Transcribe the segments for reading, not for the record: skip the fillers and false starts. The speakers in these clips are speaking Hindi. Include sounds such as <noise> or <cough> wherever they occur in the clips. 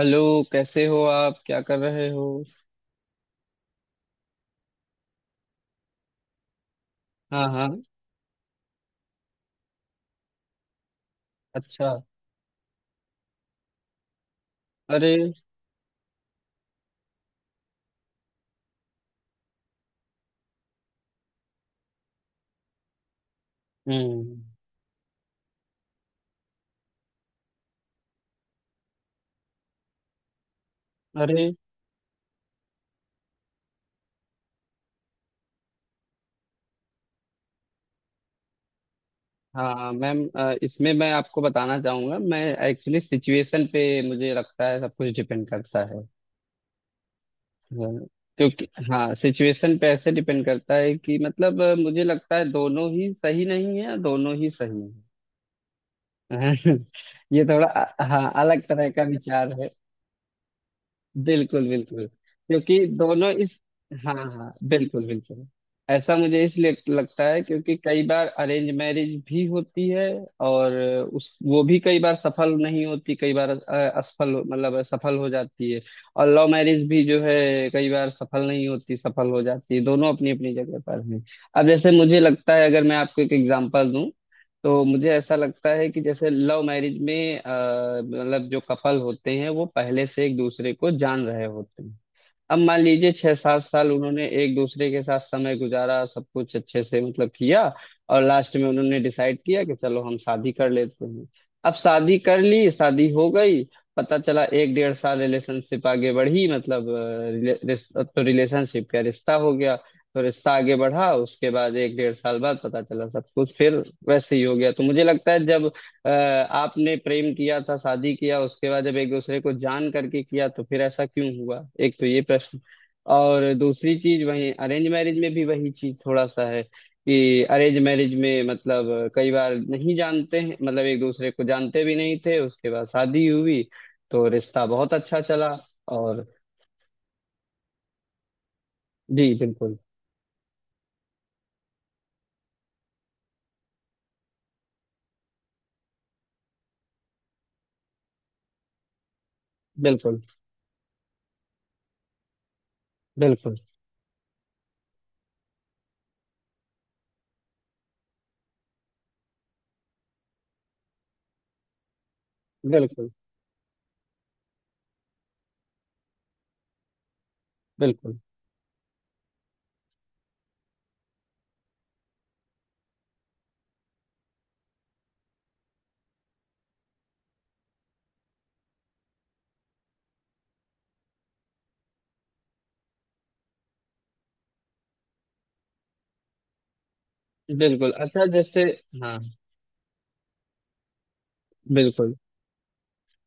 हेलो, कैसे हो आप? क्या कर रहे हो? हाँ हाँ। अच्छा। अरे। हम्म। अरे। हाँ मैम, इसमें मैं आपको बताना चाहूँगा। मैं एक्चुअली सिचुएशन पे मुझे लगता है सब कुछ डिपेंड करता है। हाँ, क्योंकि हाँ सिचुएशन पे ऐसे डिपेंड करता है कि मतलब मुझे लगता है दोनों ही सही नहीं है, दोनों ही सही है। <laughs> ये थोड़ा हाँ अलग तरह का विचार है। बिल्कुल बिल्कुल। क्योंकि दोनों इस। हाँ हाँ, बिल्कुल बिल्कुल। ऐसा मुझे इसलिए लगता है क्योंकि कई बार अरेंज मैरिज भी होती है। और उस वो भी कई बार सफल नहीं होती, कई बार असफल मतलब सफल हो जाती है। और लव मैरिज भी जो है कई बार सफल नहीं होती, सफल हो जाती है। दोनों अपनी अपनी जगह पर हैं। अब जैसे मुझे लगता है अगर मैं आपको एक एग्जांपल दूं तो मुझे ऐसा लगता है कि जैसे लव मैरिज में मतलब जो कपल होते हैं वो पहले से एक दूसरे को जान रहे होते हैं। अब मान लीजिए 6-7 साल उन्होंने एक दूसरे के साथ समय गुजारा, सब कुछ अच्छे से मतलब किया। और लास्ट में उन्होंने डिसाइड किया कि चलो हम शादी कर लेते हैं। अब शादी कर ली, शादी हो गई। पता चला एक डेढ़ साल रिलेशनशिप आगे बढ़ी, मतलब अब तो रिलेशनशिप क्या रिश्ता हो गया। तो रिश्ता आगे बढ़ा, उसके बाद एक डेढ़ साल बाद पता चला सब कुछ फिर वैसे ही हो गया। तो मुझे लगता है जब आपने प्रेम किया था, शादी किया, उसके बाद जब एक दूसरे को जान करके किया तो फिर ऐसा क्यों हुआ? एक तो ये प्रश्न। और दूसरी चीज वही अरेंज मैरिज में भी वही चीज थोड़ा सा है कि अरेंज मैरिज में मतलब कई बार नहीं जानते हैं, मतलब एक दूसरे को जानते भी नहीं थे, उसके बाद शादी हुई। तो रिश्ता बहुत अच्छा चला। और जी बिल्कुल बिल्कुल। बिल्कुल बिल्कुल। बिल्कुल बिल्कुल। अच्छा जैसे। हाँ बिल्कुल।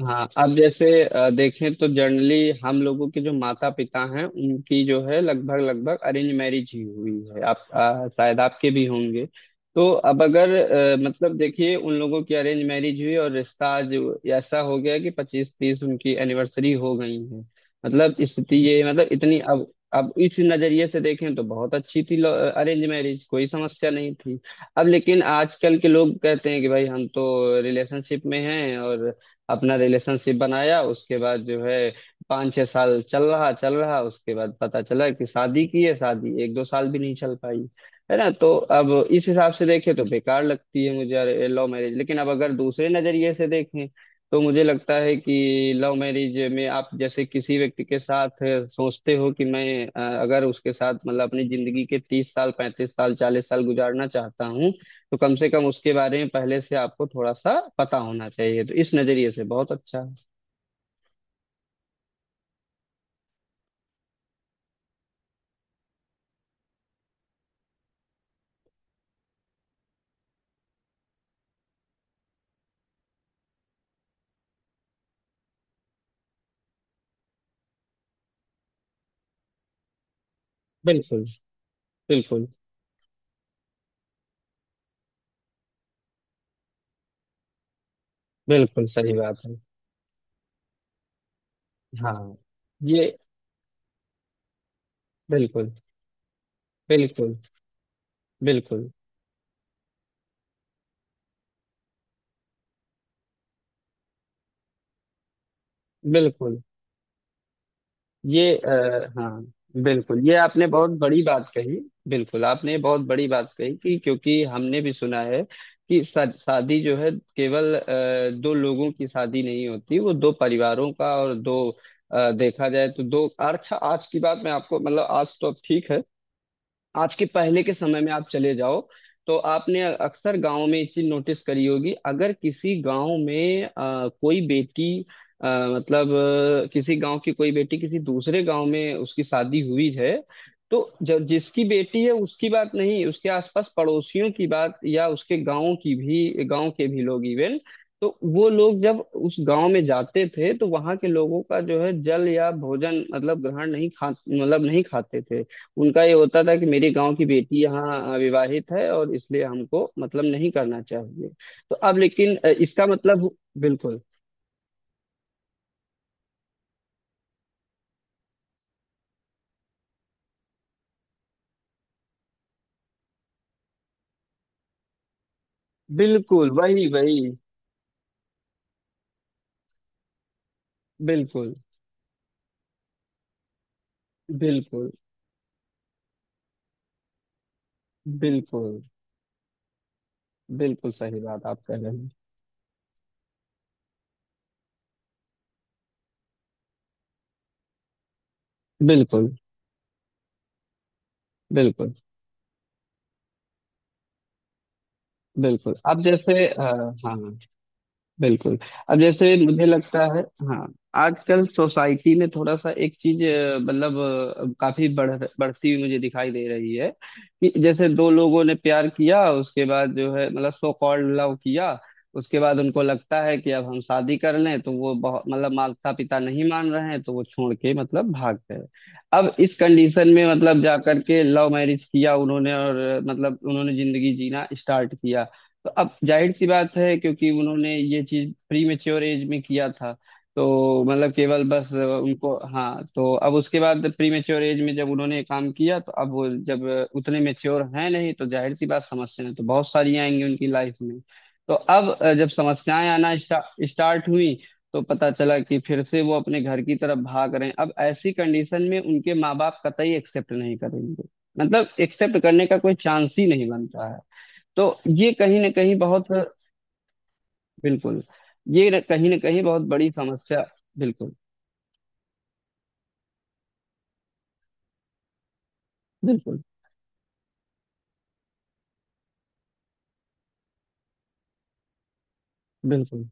हाँ अब जैसे देखें तो जनरली हम लोगों के जो माता पिता हैं उनकी जो है लगभग लगभग अरेंज मैरिज ही हुई है। आप शायद, आपके भी होंगे। तो अब अगर मतलब देखिए, उन लोगों की अरेंज मैरिज हुई और रिश्ता आज ऐसा हो गया कि 25-30 उनकी एनिवर्सरी हो गई है। मतलब स्थिति ये, मतलब इतनी अब। अब इस नजरिए से देखें तो बहुत अच्छी थी अरेंज मैरिज, कोई समस्या नहीं थी। अब लेकिन आजकल के लोग कहते हैं कि भाई हम तो रिलेशनशिप में हैं और अपना रिलेशनशिप बनाया, उसके बाद जो है 5-6 साल चल रहा, उसके बाद पता चला कि शादी की है। शादी 1-2 साल भी नहीं चल पाई। है ना? तो अब इस हिसाब से देखें तो बेकार लगती है मुझे लव मैरिज, लेकिन अब अगर दूसरे नजरिए से देखें तो मुझे लगता है कि लव मैरिज में आप जैसे किसी व्यक्ति के साथ सोचते हो कि मैं अगर उसके साथ मतलब अपनी जिंदगी के 30 साल, 35 साल, 40 साल गुजारना चाहता हूँ, तो कम से कम उसके बारे में पहले से आपको थोड़ा सा पता होना चाहिए। तो इस नजरिए से बहुत अच्छा है। बिल्कुल बिल्कुल। बिल्कुल सही बात है। हाँ ये बिल्कुल बिल्कुल। बिल्कुल बिल्कुल। हाँ बिल्कुल, ये आपने बहुत बड़ी बात कही। बिल्कुल आपने बहुत बड़ी बात कही कि क्योंकि हमने भी सुना है कि शादी जो है केवल दो लोगों की शादी नहीं होती, वो दो परिवारों का और दो देखा जाए तो दो अच्छा। आज की बात मैं आपको मतलब आज तो अब ठीक है। आज के पहले के समय में आप चले जाओ तो आपने अक्सर गांव में ये चीज नोटिस करी होगी। अगर किसी गांव में कोई बेटी, अ, मतलब किसी गांव की कोई बेटी किसी दूसरे गांव में उसकी शादी हुई है, तो जब जिसकी बेटी है उसकी बात नहीं, उसके आसपास पड़ोसियों की बात या उसके गांव की भी, गांव के भी लोग इवन, तो वो लोग जब उस गांव में जाते थे तो वहां के लोगों का जो है जल या भोजन मतलब ग्रहण नहीं, खा मतलब नहीं खाते थे। उनका ये होता था कि मेरे गांव की बेटी यहाँ विवाहित है और इसलिए हमको मतलब नहीं करना चाहिए। तो अब लेकिन इसका मतलब बिल्कुल बिल्कुल। वही वही। बिल्कुल बिल्कुल। बिल्कुल बिल्कुल सही बात आप कह रहे हैं। बिल्कुल बिल्कुल बिल्कुल। अब जैसे हाँ बिल्कुल। अब जैसे मुझे लगता है हाँ, आजकल सोसाइटी में थोड़ा सा एक चीज मतलब काफी बढ़ती हुई मुझे दिखाई दे रही है कि जैसे दो लोगों ने प्यार किया, उसके बाद जो है मतलब सो कॉल्ड लव किया, उसके बाद उनको लगता है कि अब हम शादी कर लें, तो वो बहुत मतलब माता पिता नहीं मान रहे हैं तो वो छोड़ के मतलब भाग गए। अब इस कंडीशन में मतलब जा करके लव मैरिज किया उन्होंने और मतलब उन्होंने जिंदगी जीना स्टार्ट किया। तो अब जाहिर सी बात है क्योंकि उन्होंने ये चीज प्री मेच्योर एज में किया था, तो मतलब केवल बस उनको हाँ। तो अब उसके बाद प्री मेच्योर एज में जब उन्होंने ये काम किया, तो अब वो जब उतने मेच्योर हैं नहीं तो जाहिर सी बात, समस्याएं तो बहुत सारी आएंगी उनकी लाइफ में। तो अब जब समस्याएं आना स्टार्ट हुई तो पता चला कि फिर से वो अपने घर की तरफ भाग रहे हैं। अब ऐसी कंडीशन में उनके माँ बाप कतई एक्सेप्ट नहीं करेंगे, मतलब एक्सेप्ट करने का कोई चांस ही नहीं बनता है। तो ये कहीं ना कहीं बहुत, बिल्कुल, ये न- कहीं ना कहीं बहुत बड़ी समस्या। बिल्कुल बिल्कुल। बिल्कुल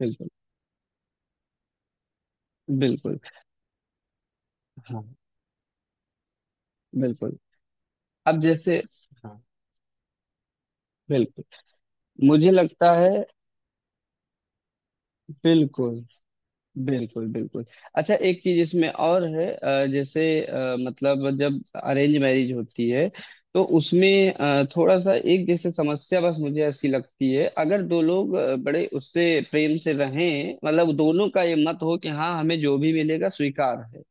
बिल्कुल। बिल्कुल। हाँ बिल्कुल। अब जैसे हाँ बिल्कुल मुझे लगता है। बिल्कुल बिल्कुल बिल्कुल। अच्छा एक चीज इसमें और है, जैसे मतलब जब अरेंज मैरिज होती है तो उसमें थोड़ा सा एक जैसे समस्या बस मुझे ऐसी लगती है, अगर दो लोग बड़े उससे प्रेम से रहें, मतलब दोनों का ये मत हो कि हाँ, हमें जो भी मिलेगा स्वीकार है।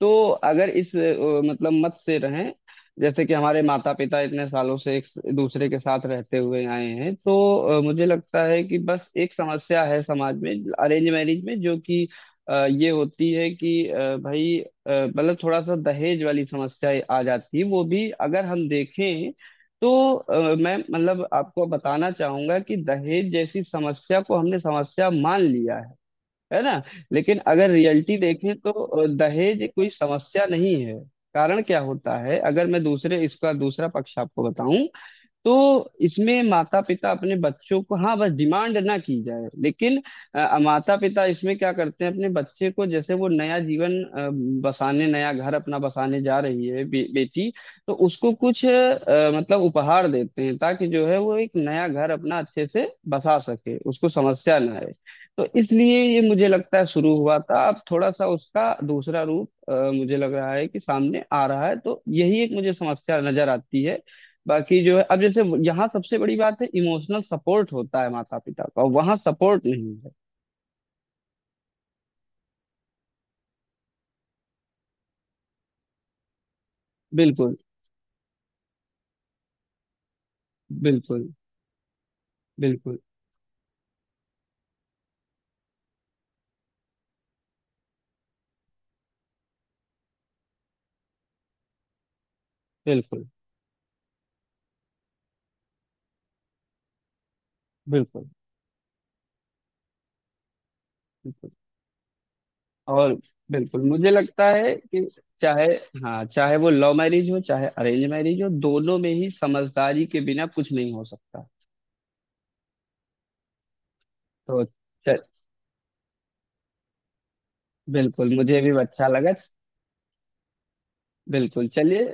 तो अगर इस मतलब मत से रहें जैसे कि हमारे माता पिता इतने सालों से एक दूसरे के साथ रहते हुए आए हैं, तो मुझे लगता है कि बस एक समस्या है समाज में अरेंज मैरिज में, जो कि ये होती है कि भाई मतलब थोड़ा सा दहेज वाली समस्या आ जाती है। वो भी अगर हम देखें, तो मैं मतलब आपको बताना चाहूंगा कि दहेज जैसी समस्या को हमने समस्या मान लिया है ना? लेकिन अगर रियलिटी देखें तो दहेज कोई समस्या नहीं है। कारण क्या होता है, अगर मैं दूसरे, इसका दूसरा पक्ष आपको बताऊं, तो इसमें माता पिता अपने बच्चों को, हाँ बस डिमांड ना की जाए लेकिन माता पिता इसमें क्या करते हैं अपने बच्चे को, जैसे वो नया जीवन बसाने, नया घर अपना बसाने जा रही है बेटी, तो उसको कुछ मतलब उपहार देते हैं ताकि जो है वो एक नया घर अपना अच्छे से बसा सके, उसको समस्या ना आए। तो इसलिए ये मुझे लगता है शुरू हुआ था। अब थोड़ा सा उसका दूसरा रूप मुझे लग रहा है कि सामने आ रहा है, तो यही एक मुझे समस्या नजर आती है। बाकी जो है अब जैसे यहाँ सबसे बड़ी बात है इमोशनल सपोर्ट होता है माता पिता का, वहाँ सपोर्ट नहीं है। बिल्कुल बिल्कुल। बिल्कुल बिल्कुल। बिल्कुल बिल्कुल और बिल्कुल मुझे लगता है कि चाहे, हाँ, चाहे वो लव मैरिज हो, चाहे अरेंज मैरिज हो, दोनों में ही समझदारी के बिना कुछ नहीं हो सकता। तो चल बिल्कुल मुझे भी अच्छा लगा। बिल्कुल चलिए।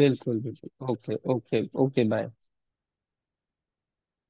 बिल्कुल बिल्कुल। Okay okay okay bye.